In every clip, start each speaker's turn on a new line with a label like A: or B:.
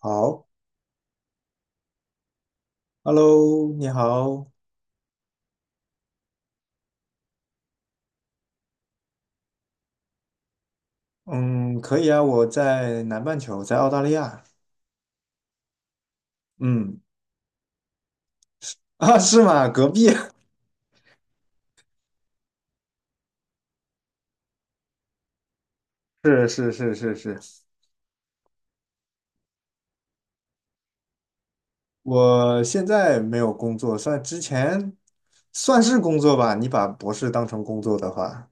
A: 好，Hello，你好。嗯，可以啊，我在南半球，在澳大利亚。嗯，啊，是吗？隔壁。是是是是是。我现在没有工作，算之前算是工作吧，你把博士当成工作的话，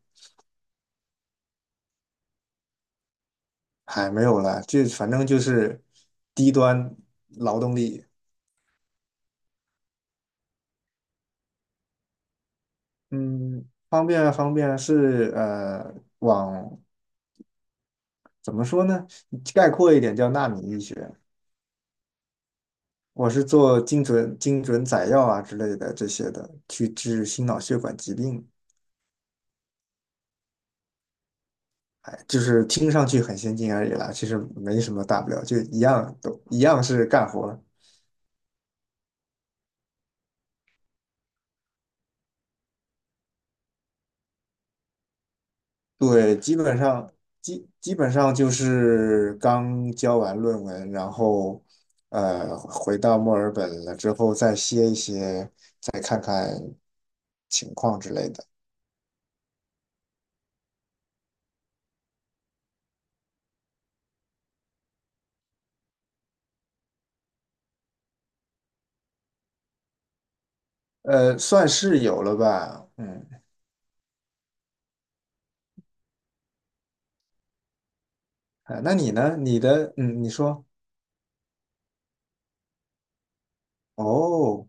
A: 还没有啦，就反正就是低端劳动力。嗯，方便啊方便啊，是，往怎么说呢？概括一点叫纳米医学。我是做精准载药啊之类的这些的，去治心脑血管疾病。哎，就是听上去很先进而已啦，其实没什么大不了，就一样都一样是干活儿。对，基本上基本上就是刚交完论文，然后回到墨尔本了之后再歇一歇，再看看情况之类的。算是有了吧。嗯，啊那你呢？你的，嗯，你说，哦。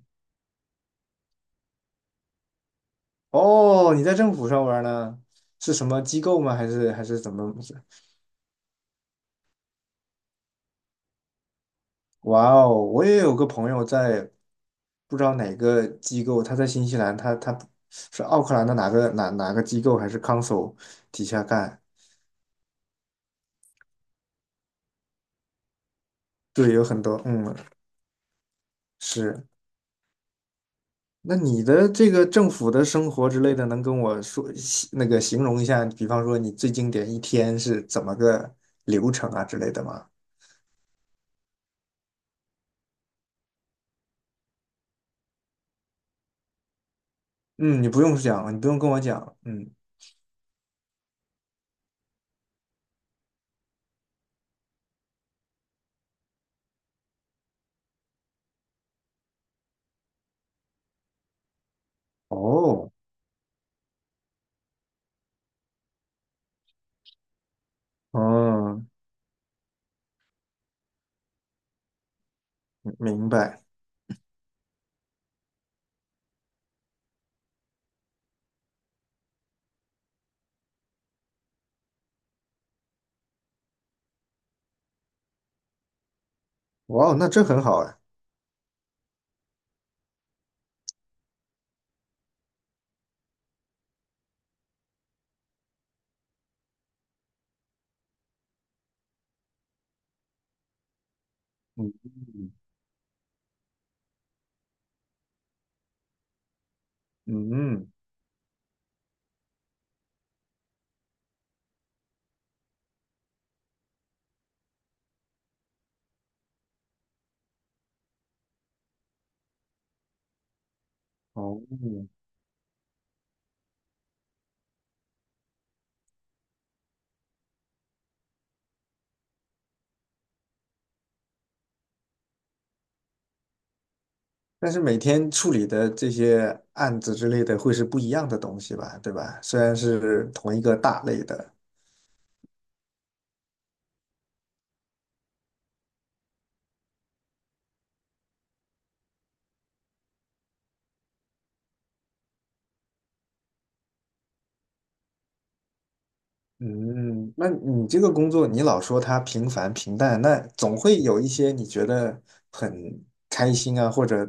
A: 哦，你在政府上班呢？是什么机构吗？还是怎么回事？哇哦，我也有个朋友在，不知道哪个机构，他在新西兰，他是奥克兰的哪个机构还是 council 底下干？对，有很多。嗯，是。那你的这个政府的生活之类的，能跟我说那个形容一下？比方说你最经典一天是怎么个流程啊之类的吗？嗯，你不用讲，你不用跟我讲，嗯。哦。哦，明白。哇哦，那这很好哎。嗯嗯。哦，但是每天处理的这些案子之类的会是不一样的东西吧，对吧？虽然是同一个大类的。嗯，那你这个工作，你老说它平凡平淡，那总会有一些你觉得很开心啊，或者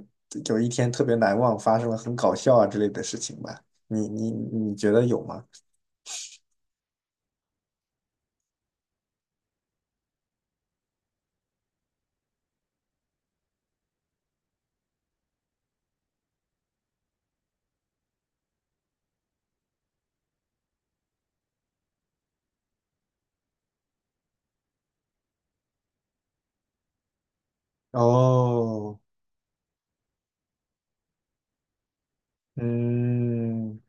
A: 有一天特别难忘，发生了很搞笑啊之类的事情吧？你觉得有吗？哦。嗯，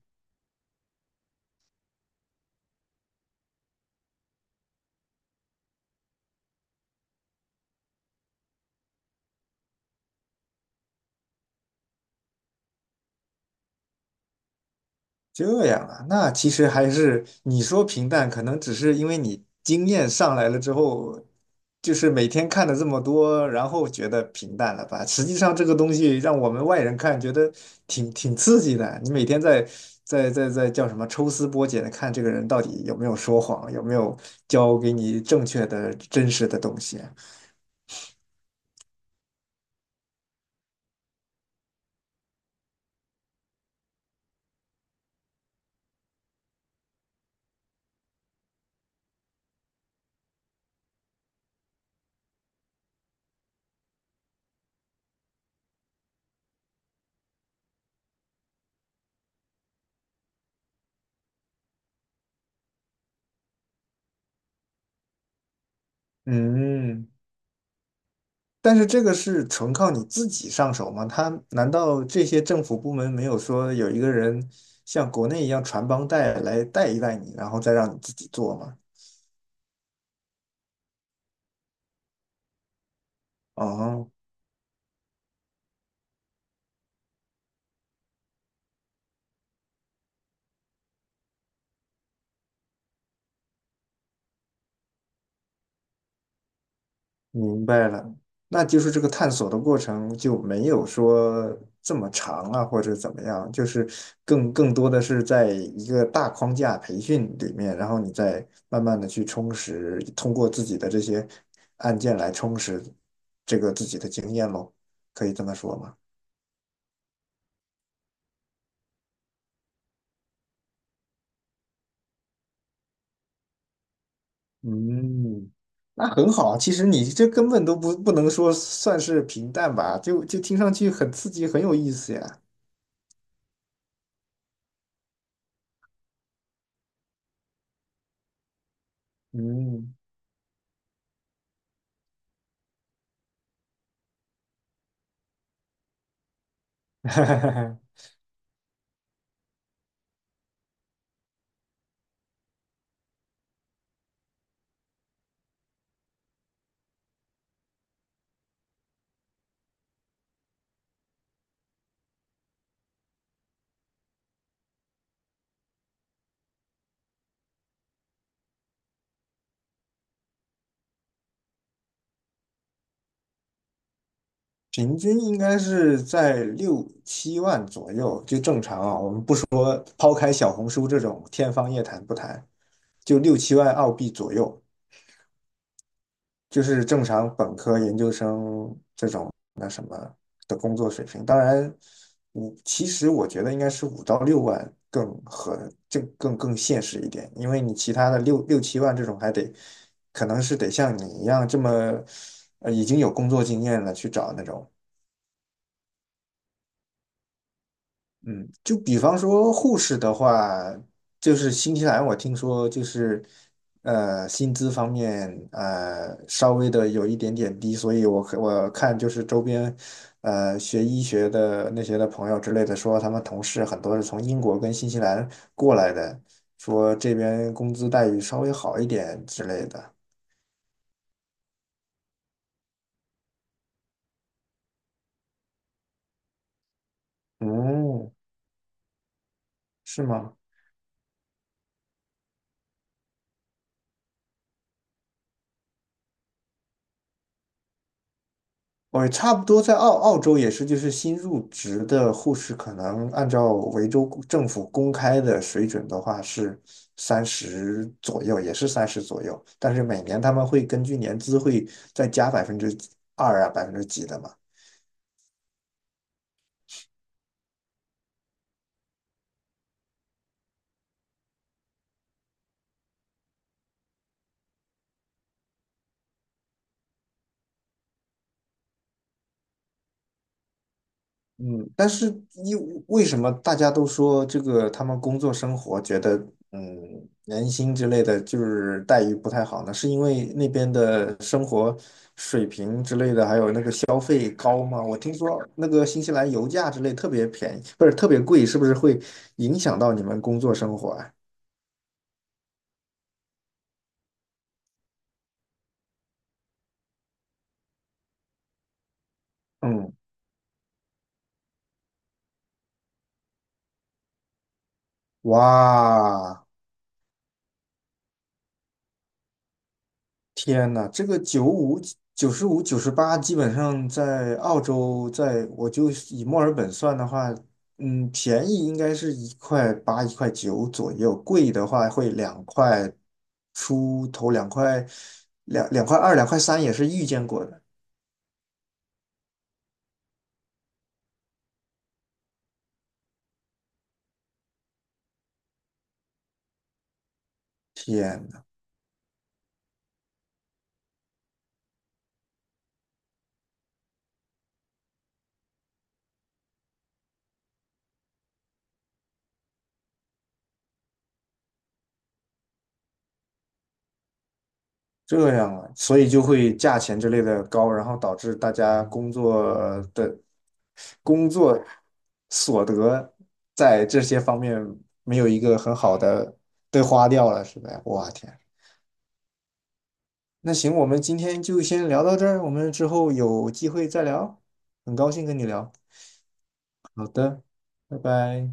A: 这样啊，那其实还是你说平淡，可能只是因为你经验上来了之后，就是每天看了这么多，然后觉得平淡了吧？实际上这个东西让我们外人看，觉得挺刺激的。你每天在叫什么抽丝剥茧的看这个人到底有没有说谎，有没有教给你正确的真实的东西啊。嗯。但是这个是纯靠你自己上手吗？他难道这些政府部门没有说有一个人像国内一样传帮带来带一带你，然后再让你自己做吗？哦，明白了。那就是这个探索的过程就没有说这么长啊，或者怎么样，就是更多的是在一个大框架培训里面，然后你再慢慢的去充实，通过自己的这些案件来充实这个自己的经验喽，可以这么说吗？嗯，那很好啊。其实你这根本都不能说算是平淡吧，就听上去很刺激，很有意思呀。嗯。平均应该是在6、7万左右，就正常啊。我们不抛开小红书这种天方夜谭不谈，就6、7万澳币左右。就是正常本科、研究生这种那什么的工作水平。当然，其实我觉得应该是5到6万更合，这更现实一点，因为你其他的六七万这种还得，可能是得像你一样这么，已经有工作经验了去找那种。嗯，就比方说护士的话，就是新西兰我听说就是薪资方面稍微的有一点点低，所以我看就是周边学医学的那些的朋友之类的说，他们同事很多是从英国跟新西兰过来的，说这边工资待遇稍微好一点之类的。嗯，是吗？我差不多在澳洲也是，就是新入职的护士，可能按照维州公政府公开的水准的话是三十左右，也是三十左右。但是每年他们会根据年资会再加2%啊，百分之几的嘛。嗯，但是因为什么大家都说这个他们工作生活觉得嗯年薪之类的就是待遇不太好呢？是因为那边的生活水平之类的，还有那个消费高吗？我听说那个新西兰油价之类特别便宜，不是特别贵，是不是会影响到你们工作生活啊？嗯。哇，天呐，这个九五、95号、98号，基本上在澳洲，在我就以墨尔本算的话，嗯，便宜应该是1块8、1块9左右，贵的话会2块出头，2块2、2块3也是遇见过的。天。这样啊，所以就会价钱之类的高，然后导致大家工作的工作所得在这些方面没有一个很好的被花掉了，是呗？哇天，那行，我们今天就先聊到这儿，我们之后有机会再聊，很高兴跟你聊。好的，拜拜。